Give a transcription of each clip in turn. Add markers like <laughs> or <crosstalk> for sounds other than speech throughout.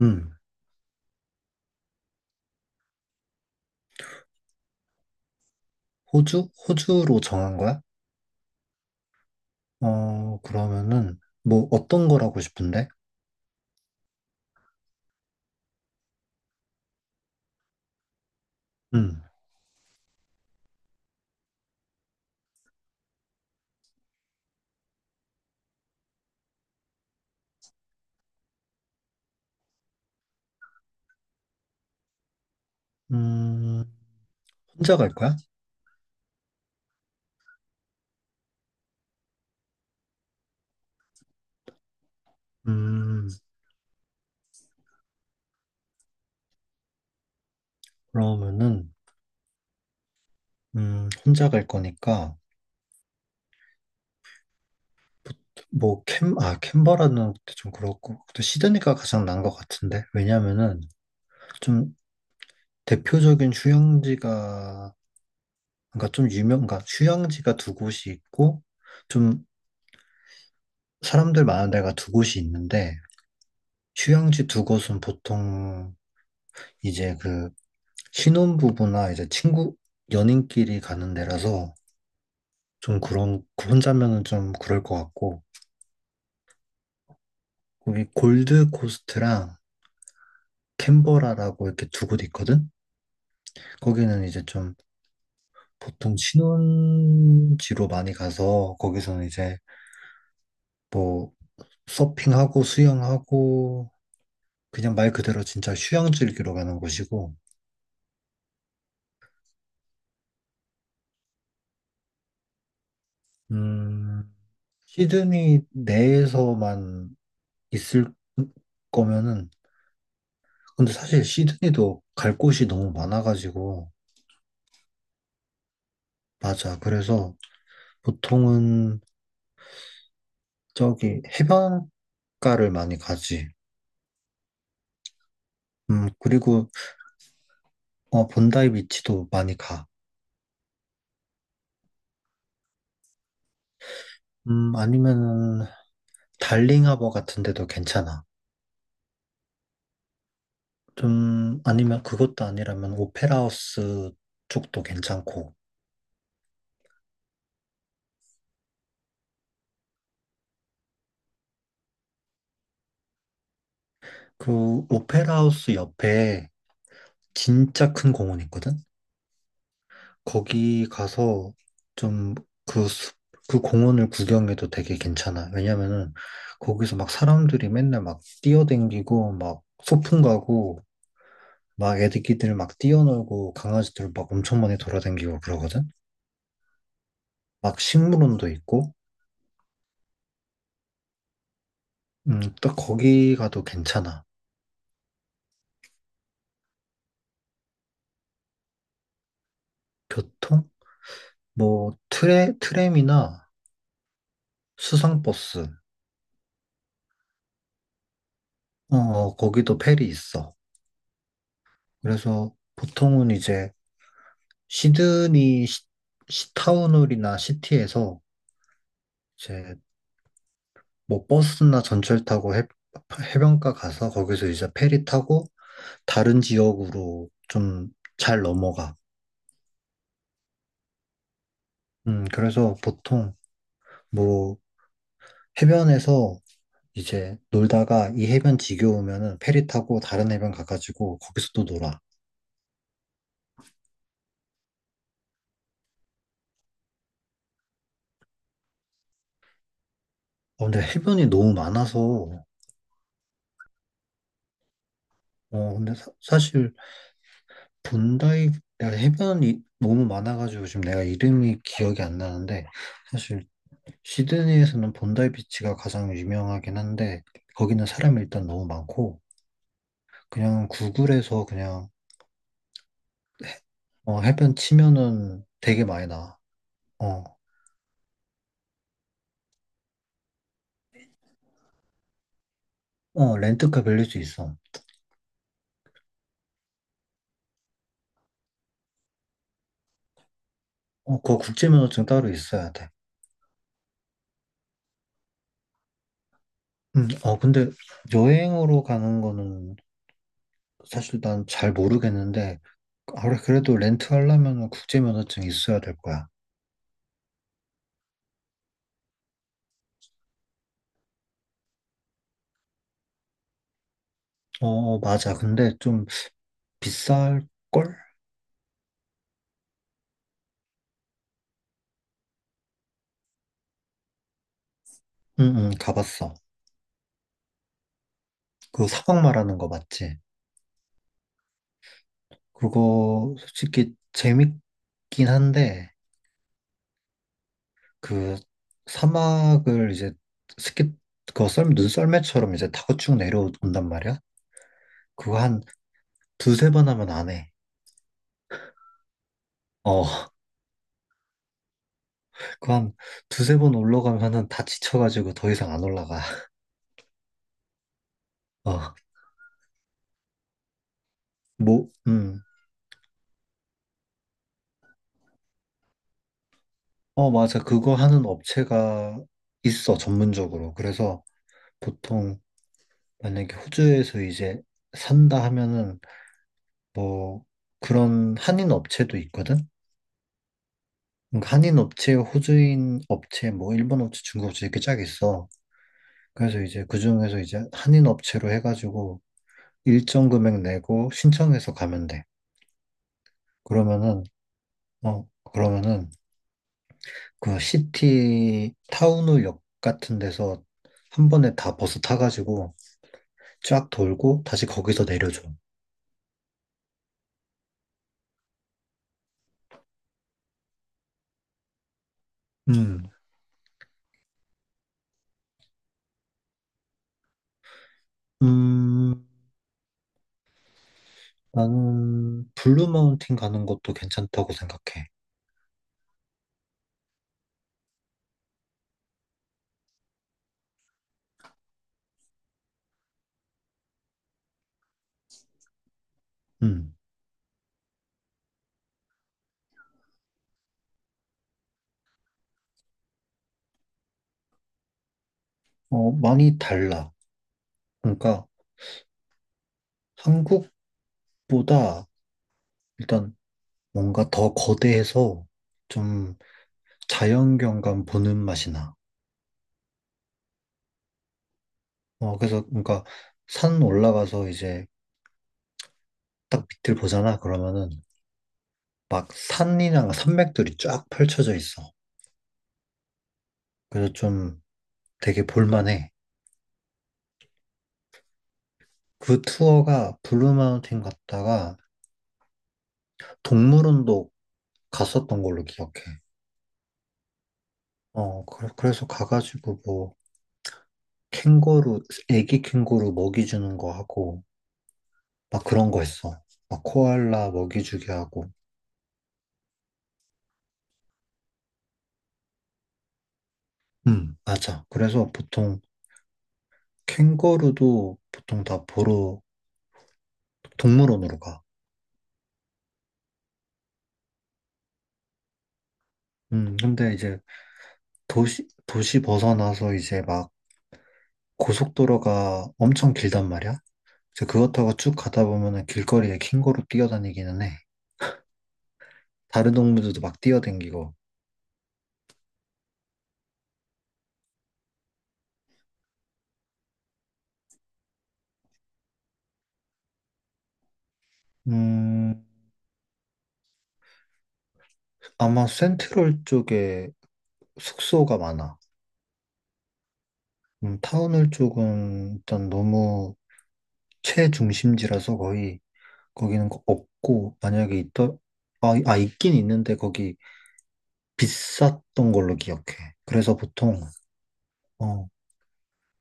음, 호주? 호주로 정한 거야? 어, 그러면은, 뭐, 어떤 걸 하고 싶은데? 음, 음, 혼자 갈 거야? 음, 그러면은, 혼자 갈 거니까, 뭐, 캔버라는 것도 좀 그렇고, 또 시드니가 가장 나은 것 같은데? 왜냐면은, 좀 대표적인 휴양지가, 그러니까 그러니까 휴양지가 두 곳이 있고, 좀 사람들 많은 데가 두 곳이 있는데, 휴양지 두 곳은 보통 이제 그 신혼부부나 이제 친구, 연인끼리 가는 데라서 좀 그런, 그 혼자면은 좀 그럴 것 같고, 거기 골드코스트랑 캔버라라고 이렇게 두 곳 있거든? 거기는 이제 좀 보통 신혼지로 많이 가서 거기서는 이제 뭐 서핑하고 수영하고 그냥 말 그대로 진짜 휴양 즐기러 가는 곳이고, 음, 시드니 내에서만 있을 거면은 근데 사실 시드니도 갈 곳이 너무 많아가지고, 맞아. 그래서 보통은 저기 해변가를 많이 가지. 그리고 어, 본다이 비치도 많이 가. 아니면은 달링 하버 같은 데도 괜찮아. 좀, 아니면 그것도 아니라면 오페라 하우스 쪽도 괜찮고. 그 오페라 하우스 옆에 진짜 큰 공원 있거든? 거기 가서 좀 그, 그 공원을 구경해도 되게 괜찮아. 왜냐면은 거기서 막 사람들이 맨날 막 뛰어댕기고 막 소풍 가고 막 애기들 막 뛰어놀고 강아지들 막 엄청 많이 돌아댕기고 그러거든. 막 식물원도 있고, 딱 거기 가도 괜찮아. 교통? 뭐 트램이나 수상버스, 어, 거기도 페리 있어. 그래서 보통은 이제 시드니 시타운홀이나 시티에서 이제 뭐 버스나 전철 타고 해변가 가서 거기서 이제 페리 타고 다른 지역으로 좀 잘 넘어가. 그래서 보통 뭐 해변에서 이제 놀다가 이 해변 지겨우면은 페리 타고 다른 해변 가가지고 거기서 또 놀아. 어, 근데 해변이 너무 많아서 어, 근데 사실 본다이 내가 해변이 너무 많아가지고 지금 내가 이름이 기억이 안 나는데 사실 시드니에서는 본다이 비치가 가장 유명하긴 한데 거기는 사람이 일단 너무 많고 그냥 구글에서 그냥 어, 해변 치면은 되게 많이 나와. 어, 어 렌트카 빌릴 수 있어. 어, 그거 국제면허증 따로 있어야 돼. 어 근데 여행으로 가는 거는 사실 난 잘 모르겠는데 아, 그래도 렌트하려면 국제면허증 있어야 될 거야. 어, 어, 맞아. 근데 좀 비쌀걸? 응, 응, 가봤어. 그 사막 말하는 거 맞지? 그거 솔직히 재밌긴 한데, 그 사막을 이제 스키, 그거 눈썰매처럼 이제 타고 쭉 내려온단 말이야? 그거 한 두세 번 하면 안 해. 어, <laughs> 그거 한 두세 번 올라가면은 다 지쳐가지고 더 이상 안 올라가. 어, 뭐, 어, 맞아. 그거 하는 업체가 있어, 전문적으로. 그래서 보통 만약에 호주에서 이제 산다 하면은 뭐 그런 한인 업체도 있거든? 그러니까 한인 업체, 호주인 업체, 뭐 일본 업체, 중국 업체 이렇게 쫙 있어. 그래서 이제 그중에서 이제 한인 업체로 해가지고 일정 금액 내고 신청해서 가면 돼. 그러면은, 그러면은 그 시티 타운홀역 같은 데서 한 번에 다 버스 타가지고 쫙 돌고 다시 거기서 내려줘. 음. 음. 나는 블루 마운틴 가는 것도 괜찮다고 생각해. 음. 어, 많이 달라. 그러니까 한국보다 일단 뭔가 더 거대해서 좀 자연경관 보는 맛이 나. 어, 그래서 그러니까 산 올라가서 이제 딱 밑을 보잖아. 그러면은 막 산이랑 산맥들이 쫙 펼쳐져 있어. 그래서 좀 되게 볼만해. 그 투어가 블루 마운틴 갔다가 동물원도 갔었던 걸로 기억해. 어, 그래서 가가지고 뭐, 캥거루, 애기 캥거루 먹이 주는 거 하고, 막 그런 거 했어. 막 코알라 먹이 주게 하고. 맞아. 그래서 보통 캥거루도 보통 다 보러, 동물원으로 가. 근데 이제 도시 벗어나서 이제 막 고속도로가 엄청 길단 말이야. 그래 그것 타고 쭉 가다 보면은 길거리에 캥거루 뛰어다니기는 해. 다른 동물들도 막 뛰어다니고. 음, 아마 센트럴 쪽에 숙소가 많아. 타운홀 쪽은 일단 너무 최중심지라서 거의 거기는 없고 만약에 있더 아, 아 있긴 있는데 거기 비쌌던 걸로 기억해. 그래서 보통 어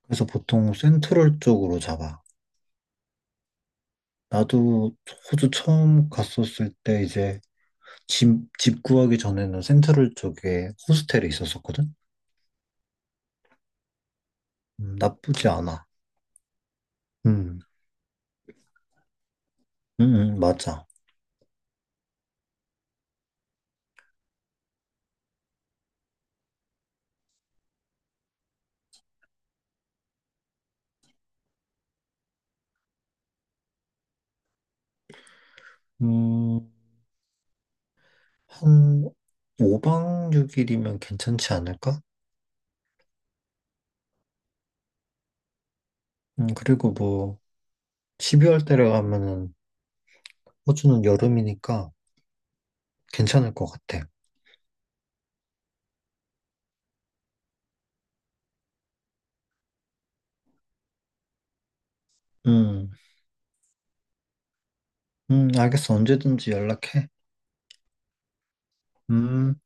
그래서 보통 센트럴 쪽으로 잡아. 나도 호주 처음 갔었을 때 이제 집 구하기 전에는 센트럴 쪽에 호스텔에 있었었거든. 나쁘지 않아. 음, 맞아. 음, 한 5박 6일이면 괜찮지 않을까? 그리고 뭐 12월 달에 가면은 호주는 여름이니까 괜찮을 것 같아. 음, 알겠어. 언제든지 연락해. 음.